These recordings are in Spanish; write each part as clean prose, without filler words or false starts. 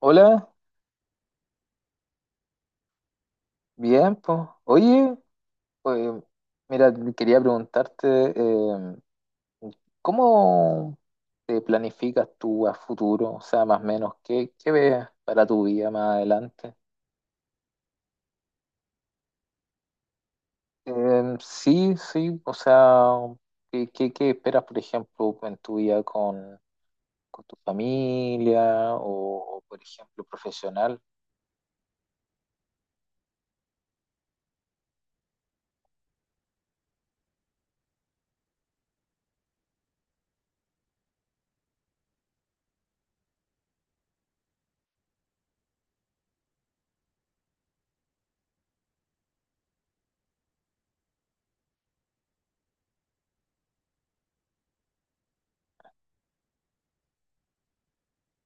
Hola, bien, pues. Oye, eh, mira, quería preguntarte, ¿cómo te planificas tú a futuro? O sea, más o menos, ¿qué ves para tu vida más adelante? Sí, sí, o sea, ¿qué esperas, por ejemplo, en tu vida con tu familia o, por ejemplo, profesional?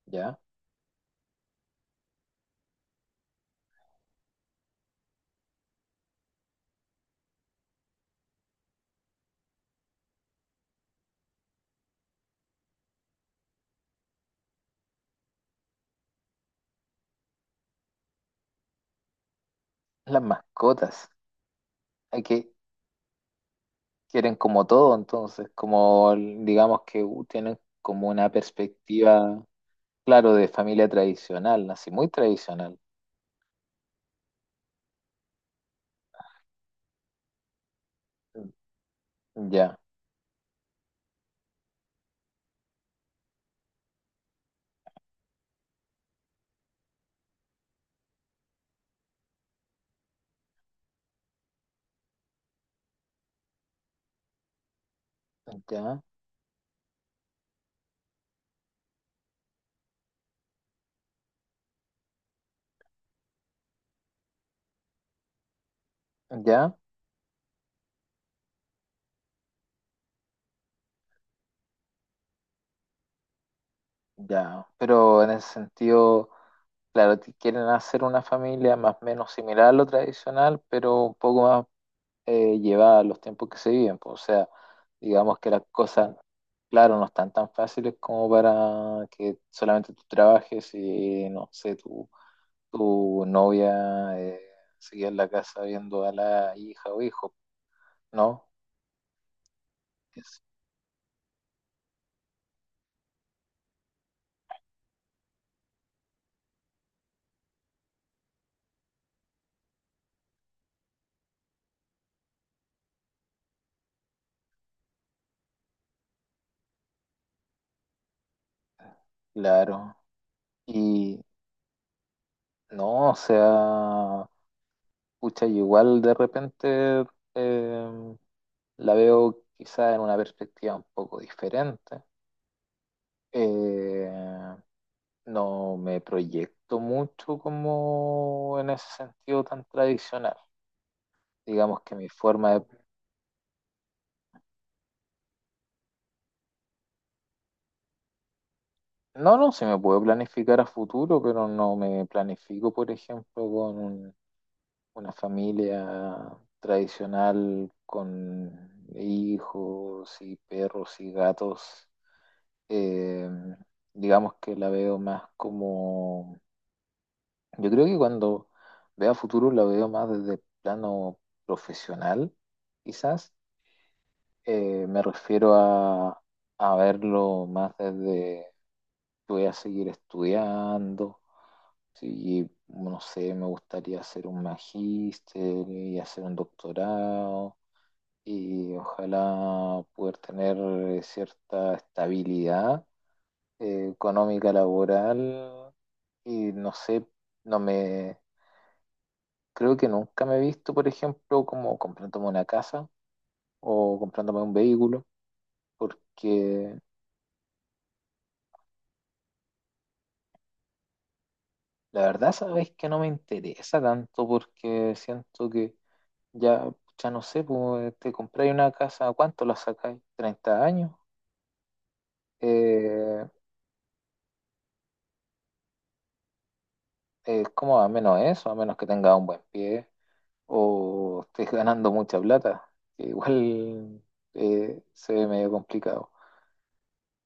¿Ya? Las mascotas. Ok, quieren como todo, entonces, digamos que tienen como una perspectiva, claro, de familia tradicional, así muy tradicional. Mm. Ya, ya, ya, ya. Pero en ese sentido, claro, quieren hacer una familia más o menos similar a lo tradicional, pero un poco más llevada a los tiempos que se viven, pues, o sea, digamos que las cosas, claro, no están tan fáciles como para que solamente tú trabajes y no sé, tú. Tu novia sigue en la casa viendo a la hija o hijo, ¿no? Es- claro. Y no, o sea, pucha, yo igual de repente eh, la veo quizá en una perspectiva un poco diferente. Eh, no me proyecto mucho como en ese sentido tan tradicional. Digamos que mi forma de. No, no, se me puede planificar a futuro, pero no me planifico, por ejemplo, una familia tradicional con hijos y perros y gatos. Eh, digamos que la veo más como, yo creo que cuando veo a futuro la veo más desde el plano profesional, quizás. Me refiero a verlo más desde, voy a seguir estudiando. Sí, no sé, me gustaría hacer un magíster y hacer un doctorado y ojalá poder tener cierta estabilidad económica laboral y no sé, no me creo que nunca me he visto, por ejemplo, como comprándome una casa o comprándome un vehículo, porque la verdad sabes que no me interesa tanto porque siento que. Ya, ya no sé, pues te compráis una casa, ¿a ¿cuánto la sacáis? ¿30 años? Eh, ¿Cómo a menos eso? A menos que tengas un buen pie o estés ganando mucha plata, que igual se ve medio complicado.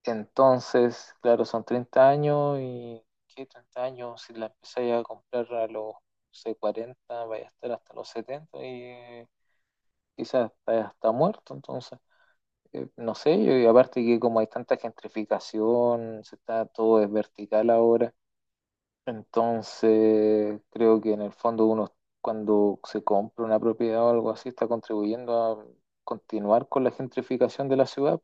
Entonces, claro, son 30 años y ¿qué 30 años? Si la empezáis a comprar a los, no sé, 40, vaya a estar hasta los 70 y quizás estás hasta muerto entonces. No sé, y aparte que como hay tanta gentrificación, se está todo es vertical ahora, entonces creo que en el fondo uno cuando se compra una propiedad o algo así está contribuyendo a continuar con la gentrificación de la ciudad.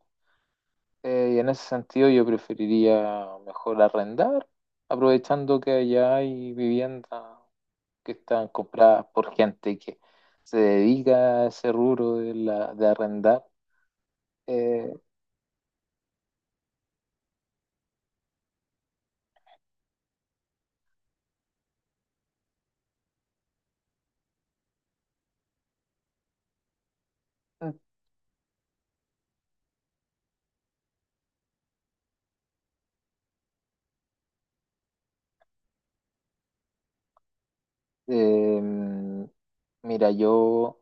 Y en ese sentido yo preferiría mejor arrendar, aprovechando que allá hay viviendas que están compradas por gente que se dedica a ese rubro de, la, de arrendar. Eh, Em, Mira, yo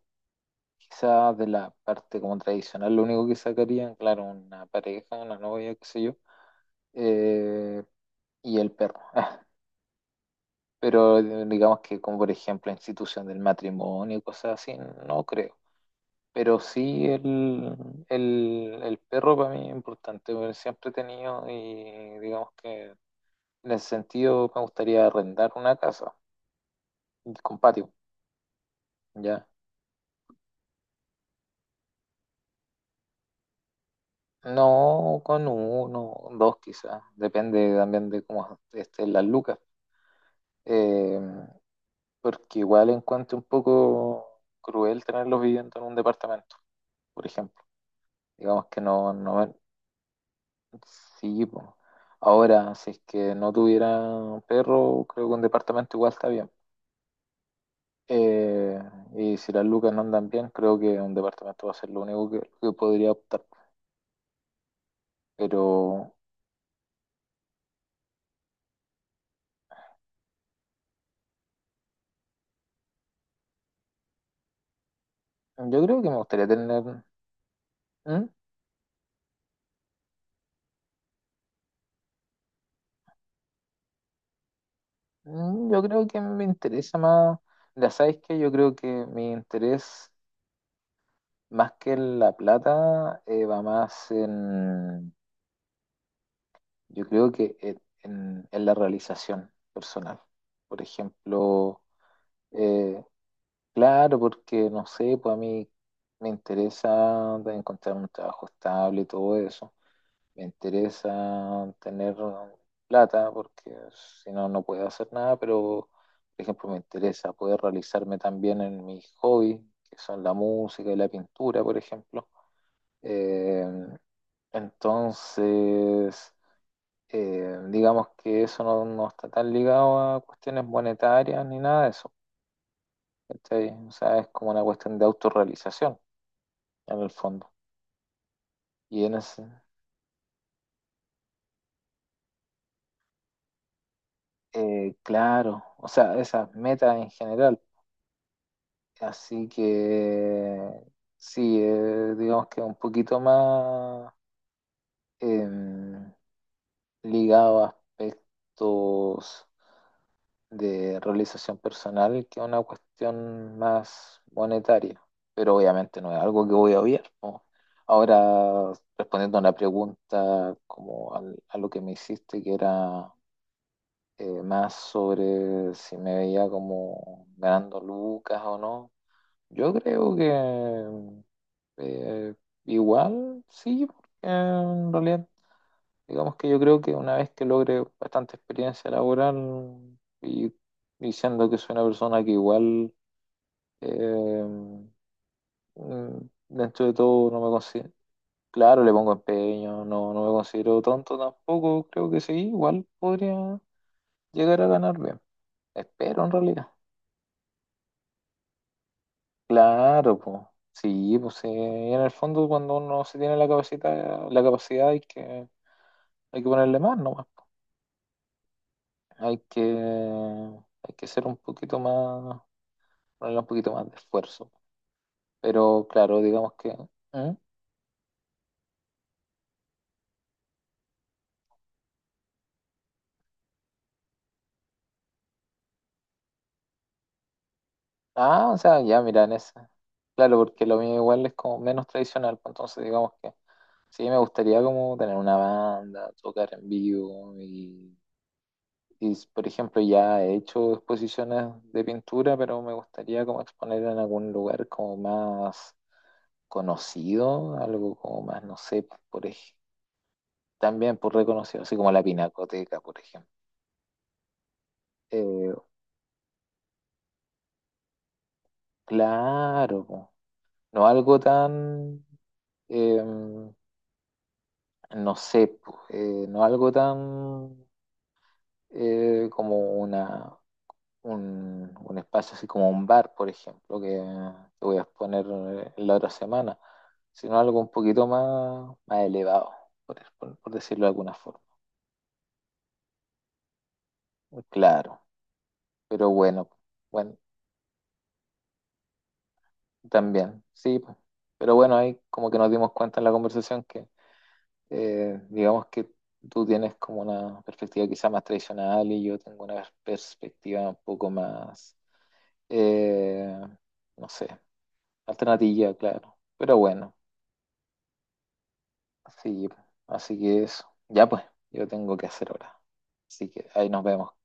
quizás de la parte como tradicional, lo único que sacaría, claro, una pareja, una novia, qué sé yo, eh, y el perro. Pero digamos que como por ejemplo institución del matrimonio y cosas así, no creo. Pero sí el perro para mí es importante, porque siempre he tenido y digamos que en ese sentido me gustaría arrendar una casa con patio, ¿ya? No con uno, dos quizás, depende también de cómo estén las lucas. Eh, Porque igual encuentro un poco cruel tenerlos viviendo en un departamento, por ejemplo. Digamos que no, no, sí, po. Ahora, si es que no tuviera perro, creo que un departamento igual está bien. Eh, y si las lucas no andan bien, creo que un departamento va a ser lo único que podría optar. Pero yo creo que me gustaría tener... ¿Mm? Mm, yo creo que me interesa más, ya sabes que yo creo que mi interés más que en la plata va más en, yo creo que en la realización personal. Por ejemplo, eh, claro, porque no sé, pues a mí me interesa de encontrar un trabajo estable y todo eso me interesa tener plata porque si no, no puedo hacer nada, pero por ejemplo me interesa poder realizarme también en mis hobbies, que son la música y la pintura, por ejemplo. Eh, entonces, digamos que eso no está tan ligado a cuestiones monetarias ni nada de eso. ¿Cachai? O sea, es como una cuestión de autorrealización en el fondo. Y en ese, claro, o sea, esas metas en general. Así que sí, digamos que un poquito más em, ligado a aspectos de realización personal que una cuestión más monetaria, pero obviamente no es algo que voy a obviar, ¿no? Ahora, respondiendo a la pregunta como a lo que me hiciste, que era más sobre si me veía como ganando lucas o no, yo creo que... Eh, Igual, sí, porque en realidad, digamos que yo creo que una vez que logre bastante experiencia laboral y diciendo que soy una persona que igual, eh, dentro de todo, no me considero, claro, le pongo empeño, no me considero tonto tampoco, creo que sí, igual podría llegar a ganar bien. Espero en realidad. Claro, pues. Sí, pues, en el fondo cuando uno se tiene la capacidad hay que, ponerle más nomás. Hay que ser un poquito más, ponerle un poquito más de esfuerzo. Pero claro, digamos que... ¿Mm? Ah, o sea, ya, mira, en esa. Claro, porque lo mío igual es como menos tradicional, pues, entonces digamos que sí me gustaría como tener una banda, tocar en vivo y, por ejemplo, ya he hecho exposiciones de pintura, pero me gustaría como exponer en algún lugar como más conocido, algo como más, no sé, pues, por ejemplo también por reconocido, así como la Pinacoteca, por ejemplo. Eh, claro, po. No algo tan, eh, no sé, po, no algo tan como una, un, espacio así como un bar, por ejemplo, que te voy a exponer la otra semana, sino algo un poquito más, más elevado, por, por decirlo de alguna forma. Claro, pero bueno, bueno, también, sí, pues. Pero bueno, ahí como que nos dimos cuenta en la conversación que digamos que tú tienes como una perspectiva quizá más tradicional y yo tengo una perspectiva un poco más, eh, no sé, alternativa, claro. Pero bueno, sí, así que eso. Ya pues, yo tengo que hacer ahora. Así que ahí nos vemos.